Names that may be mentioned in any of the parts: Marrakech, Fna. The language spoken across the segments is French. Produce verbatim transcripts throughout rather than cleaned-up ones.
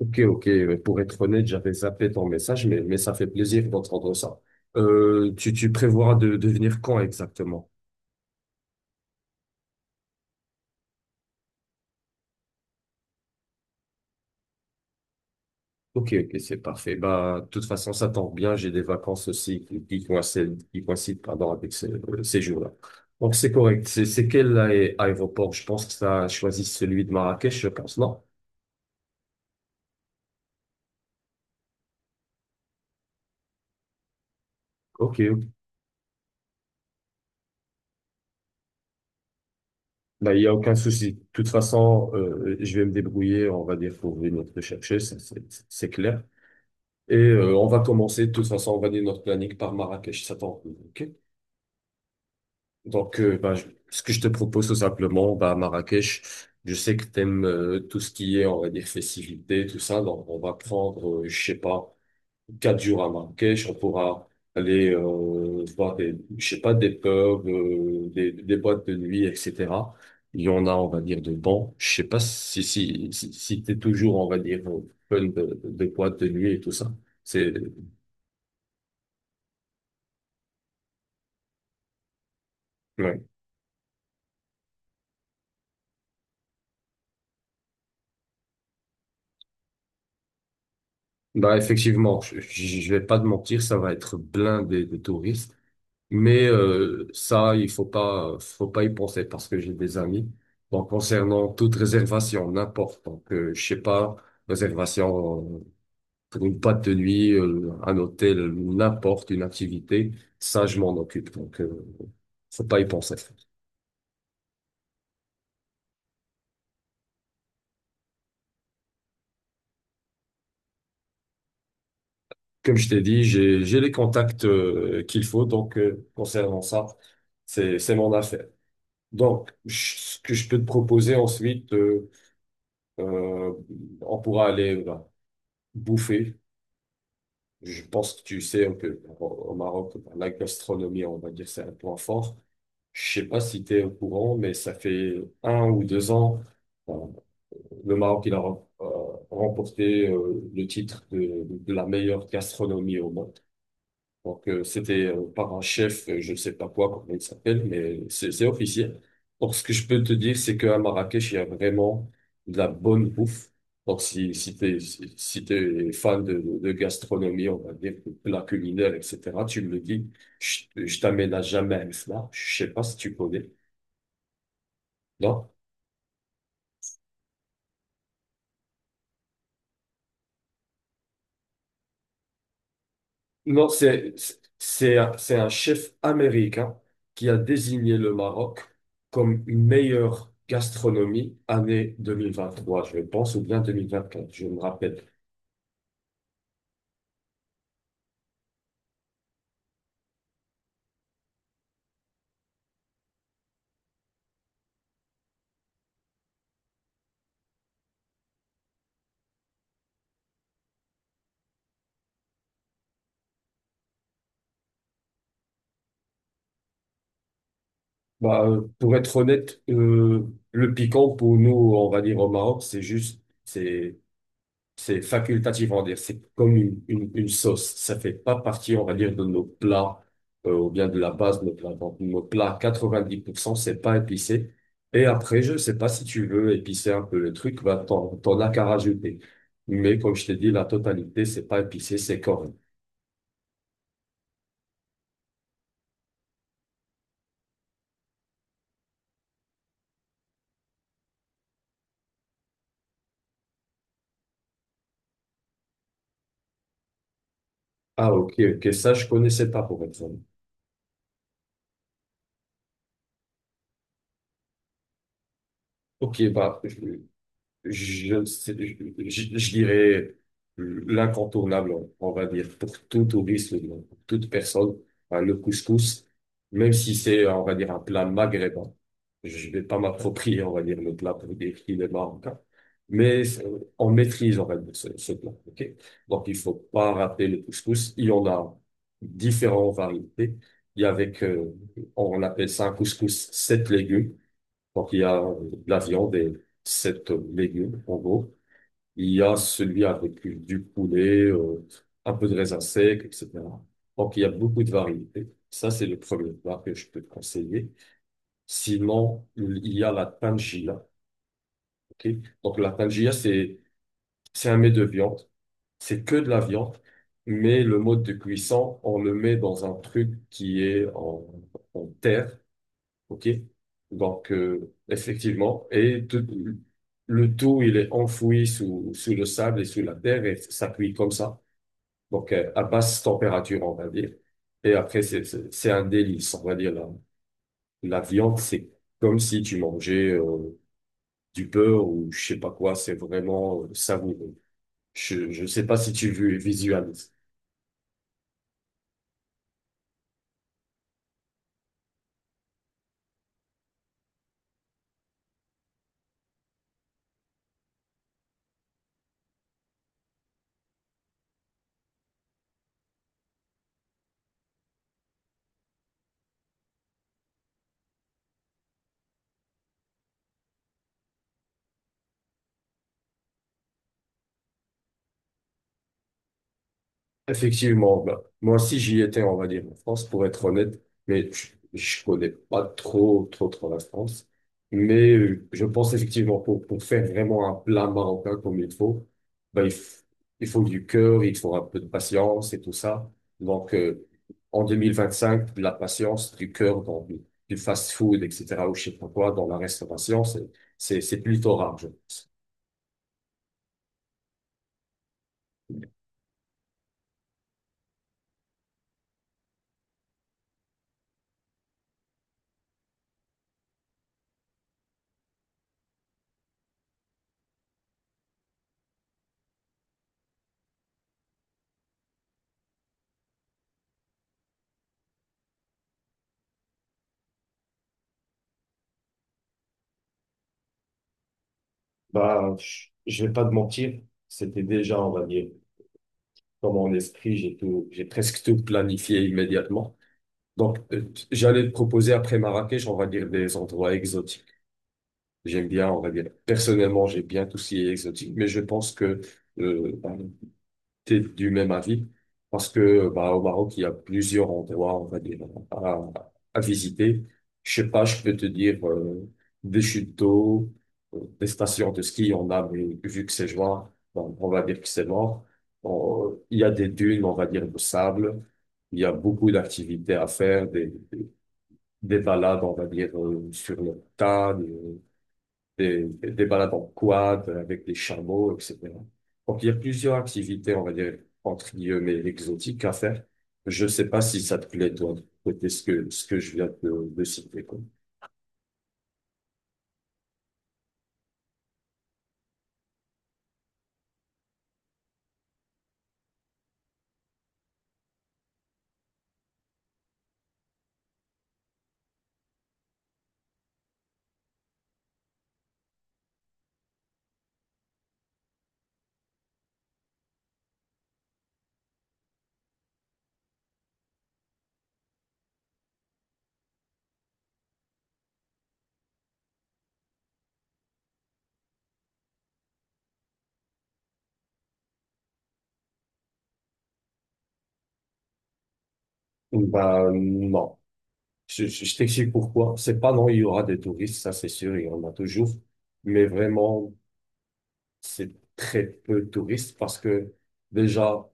Ok, ok. mais Pour être honnête, j'avais zappé ton message, mais, mais ça fait plaisir d'entendre ça. Euh, tu, tu prévois de, de venir quand exactement? Ok, ok, c'est parfait. Bah, de toute façon, ça tombe bien. J'ai des vacances aussi qui, qui coïncident, qui coïncident, pardon, avec ces, ces jours-là. Donc, c'est correct. C'est, c'est quel aé- aéroport? Je pense que ça choisit celui de Marrakech, je pense, non? Ok, ok. Bah, il n'y a aucun souci. De toute façon, euh, je vais me débrouiller, on va dire, pour venir te chercher, ça, c'est c'est clair. Et euh, on va commencer, de toute façon, on va dire notre planning par Marrakech, ça t'en ok? Donc, euh, bah, je- ce que je te propose tout simplement, bah, Marrakech, je sais que t'aimes euh, tout ce qui est, on va dire, festivité, tout ça, donc on va prendre, euh, je sais pas, quatre jours à Marrakech, on pourra aller euh, voir des, je sais pas, des pubs, euh, des, des boîtes de nuit, et cætera. Il y en a, on va dire, de bons. Je sais pas si, si, si, si t'es toujours, on va dire, au fun de, de boîtes de nuit et tout ça. C'est... ouais. Bah effectivement, je, je je vais pas te mentir, ça va être blindé de touristes, mais euh, ça il faut pas faut pas y penser parce que j'ai des amis. Donc concernant toute réservation, n'importe, donc euh, je sais pas, réservation euh, pour une boîte de nuit, euh, un hôtel, n'importe une activité, ça je m'en occupe. Donc euh, faut pas y penser. Comme je t'ai dit, j'ai j'ai les contacts euh, qu'il faut, donc euh, concernant ça, c'est c'est mon affaire. Donc, je- ce que je peux te proposer ensuite, euh, euh, on pourra aller bah, bouffer. Je pense que tu sais un peu au au Maroc, bah, la gastronomie, on va dire, c'est un point fort. Je sais pas si tu es au courant, mais ça fait un ou deux ans, euh, le Maroc, il a rem- euh, remporté euh, le titre de, de la meilleure gastronomie au monde. Donc, euh, c'était euh, par un chef, euh, je ne sais pas quoi, comment il s'appelle, mais c'est c'est officiel. Donc, ce que je peux te dire, c'est qu'à Marrakech, il y a vraiment de la bonne bouffe. Donc, si, si t'es, si, si t'es fan de, de gastronomie, on va dire, de plats culinaires, et cætera, tu me le dis, je, je t'amène à jamais à Fna. Je sais pas si tu connais. Non? Non, c'est, c'est, un- c'est un chef américain qui a désigné le Maroc comme une meilleure gastronomie année deux mille vingt-trois, je pense, ou bien deux mille vingt-quatre, je me rappelle. Bah, euh, pour être honnête, euh, le piquant pour nous, on va dire au Maroc, c'est juste, c'est C'est facultatif, on va dire. C'est comme une, une, une sauce. Ça fait pas partie, on va dire, de nos plats, euh, ou bien de la base de nos plats. Donc, nos plats, quatre-vingt-dix pour cent, c'est pas épicé. Et après, je sais pas si tu veux épicer un peu le truc, bah, t'en, t'en as qu'à rajouter. Mais comme je t'ai dit, la totalité, c'est pas épicé, c'est correct. Ah, ok, ok. Ça, je connaissais pas, pour être honnête. Ok, bah, je, Je, ne sais- je, je- dirais l'incontournable, on va dire, pour tout touriste, pour toute personne, hein, le couscous, même si c'est, on va dire, un plat maghrébin. Je vais pas m'approprier, on va dire, le plat pour dire qu'il est marocain, mais c'est- on maîtrise, on va dire, ce, ce plat. Ok. Donc, il faut pas rater le couscous. Il y en a différentes variétés. Il y a avec, euh, on appelle ça un couscous sept légumes. Donc, il y a euh, de la viande et sept euh, légumes, en gros. Il y a celui avec du poulet, euh, un peu de raisin sec, et cætera. Donc, il y a beaucoup de variétés. Ça, c'est le premier plat que je peux te conseiller. Sinon, il y a la tangia. Ok. Donc, la tangia, c'est, c'est un mets de viande. C'est que de la viande, mais le mode de cuisson, on le met dans un truc qui est en, en terre. OK? Donc, euh, effectivement, et tout- le tout, il est enfoui sous, sous le sable et sous la terre et ça cuit comme ça. Donc, euh, à basse température, on va dire. Et après, c'est, c'est c'est un délice, on va dire. La, la viande, c'est comme si tu mangeais euh, du beurre ou je sais pas quoi. C'est vraiment euh, savoureux. Je, je sais pas si tu vu- visualises. Effectivement, bah, moi aussi j'y étais, on va dire, en France, pour être honnête, mais je, je connais pas trop, trop, trop la France. Mais euh, je pense effectivement pour, pour faire vraiment un plat marocain comme il faut, bah, il, f- il faut du cœur, il faut un peu de patience et tout ça. Donc euh, en deux mille vingt-cinq, de la patience, du cœur dans du, du fast-food, et cætera, ou je sais pas quoi, dans la restauration, c'est, c'est, c'est plutôt rare, je pense. Bah, je vais pas te mentir, c'était déjà, on va dire, dans mon esprit, j'ai tout, j'ai presque tout planifié immédiatement. Donc, euh, j'allais te proposer après Marrakech, on va dire des endroits exotiques. J'aime bien, on va dire, personnellement, j'aime bien tout ce qui est exotique, mais je pense que euh, t'es du même avis parce que bah, au Maroc, il y a plusieurs endroits, on va dire, à, à visiter. Je sais pas, je peux te dire euh, des chutes d'eau, euh, des stations de ski, on a, mais vu que c'est juin, bon, on va dire que c'est mort. On- il y a des dunes, on va dire, de sable. Il y a beaucoup d'activités à faire, des, des des balades, on va dire, euh, sur le tas des, des balades en quad avec des chameaux, et cætera. Donc, il y a plusieurs activités, on va dire, entre guillemets, exotiques à faire. Je sais pas si ça te plaît, toi, de côté ce que, ce que je viens de, de citer, quoi. Bah, non. Je, je, je t'explique pourquoi. C'est pas non, il y aura des touristes, ça c'est sûr, il y en a toujours. Mais vraiment, c'est très peu de touristes parce que déjà,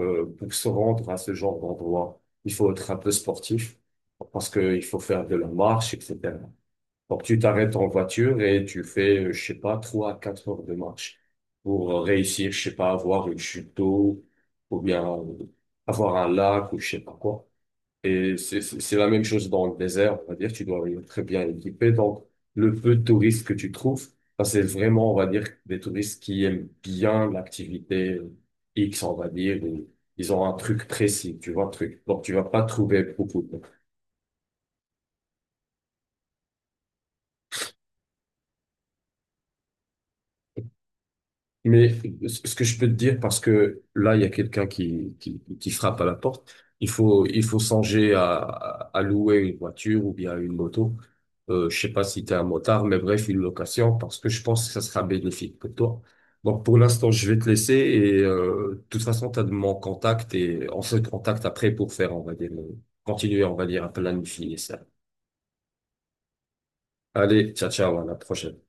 euh, pour se rendre à ce genre d'endroit, il faut être un peu sportif parce qu'il faut faire de la marche, et cætera. Donc, tu t'arrêtes en voiture et tu fais, euh, je sais pas, trois à quatre heures de marche pour euh, réussir, je sais pas, avoir une chute d'eau ou bien euh, avoir un lac ou je sais pas quoi. Et c'est c'est- c'est la même chose dans le désert, on va dire, tu dois être très bien équipé. Donc, le peu de touristes que tu trouves, ça, c'est vraiment, on va dire, des touristes qui aiment bien l'activité euh, X, on va dire, ou ils ont un truc précis, tu vois, un truc. Donc, tu vas pas trouver beaucoup de. Mais ce que je peux te dire, parce que là, il y a quelqu'un qui, qui, qui frappe à la porte, il faut, il faut songer à, à à louer une voiture ou bien une moto. Euh, je sais pas si tu es un motard, mais bref, une location, parce que je pense que ça sera bénéfique pour toi. Donc, pour l'instant, je vais te laisser et euh, de toute façon, tu as de mon contact et on se contacte après pour faire, on va dire, euh, continuer, on va dire, à planifier ça. Allez, ciao, ciao, à la prochaine.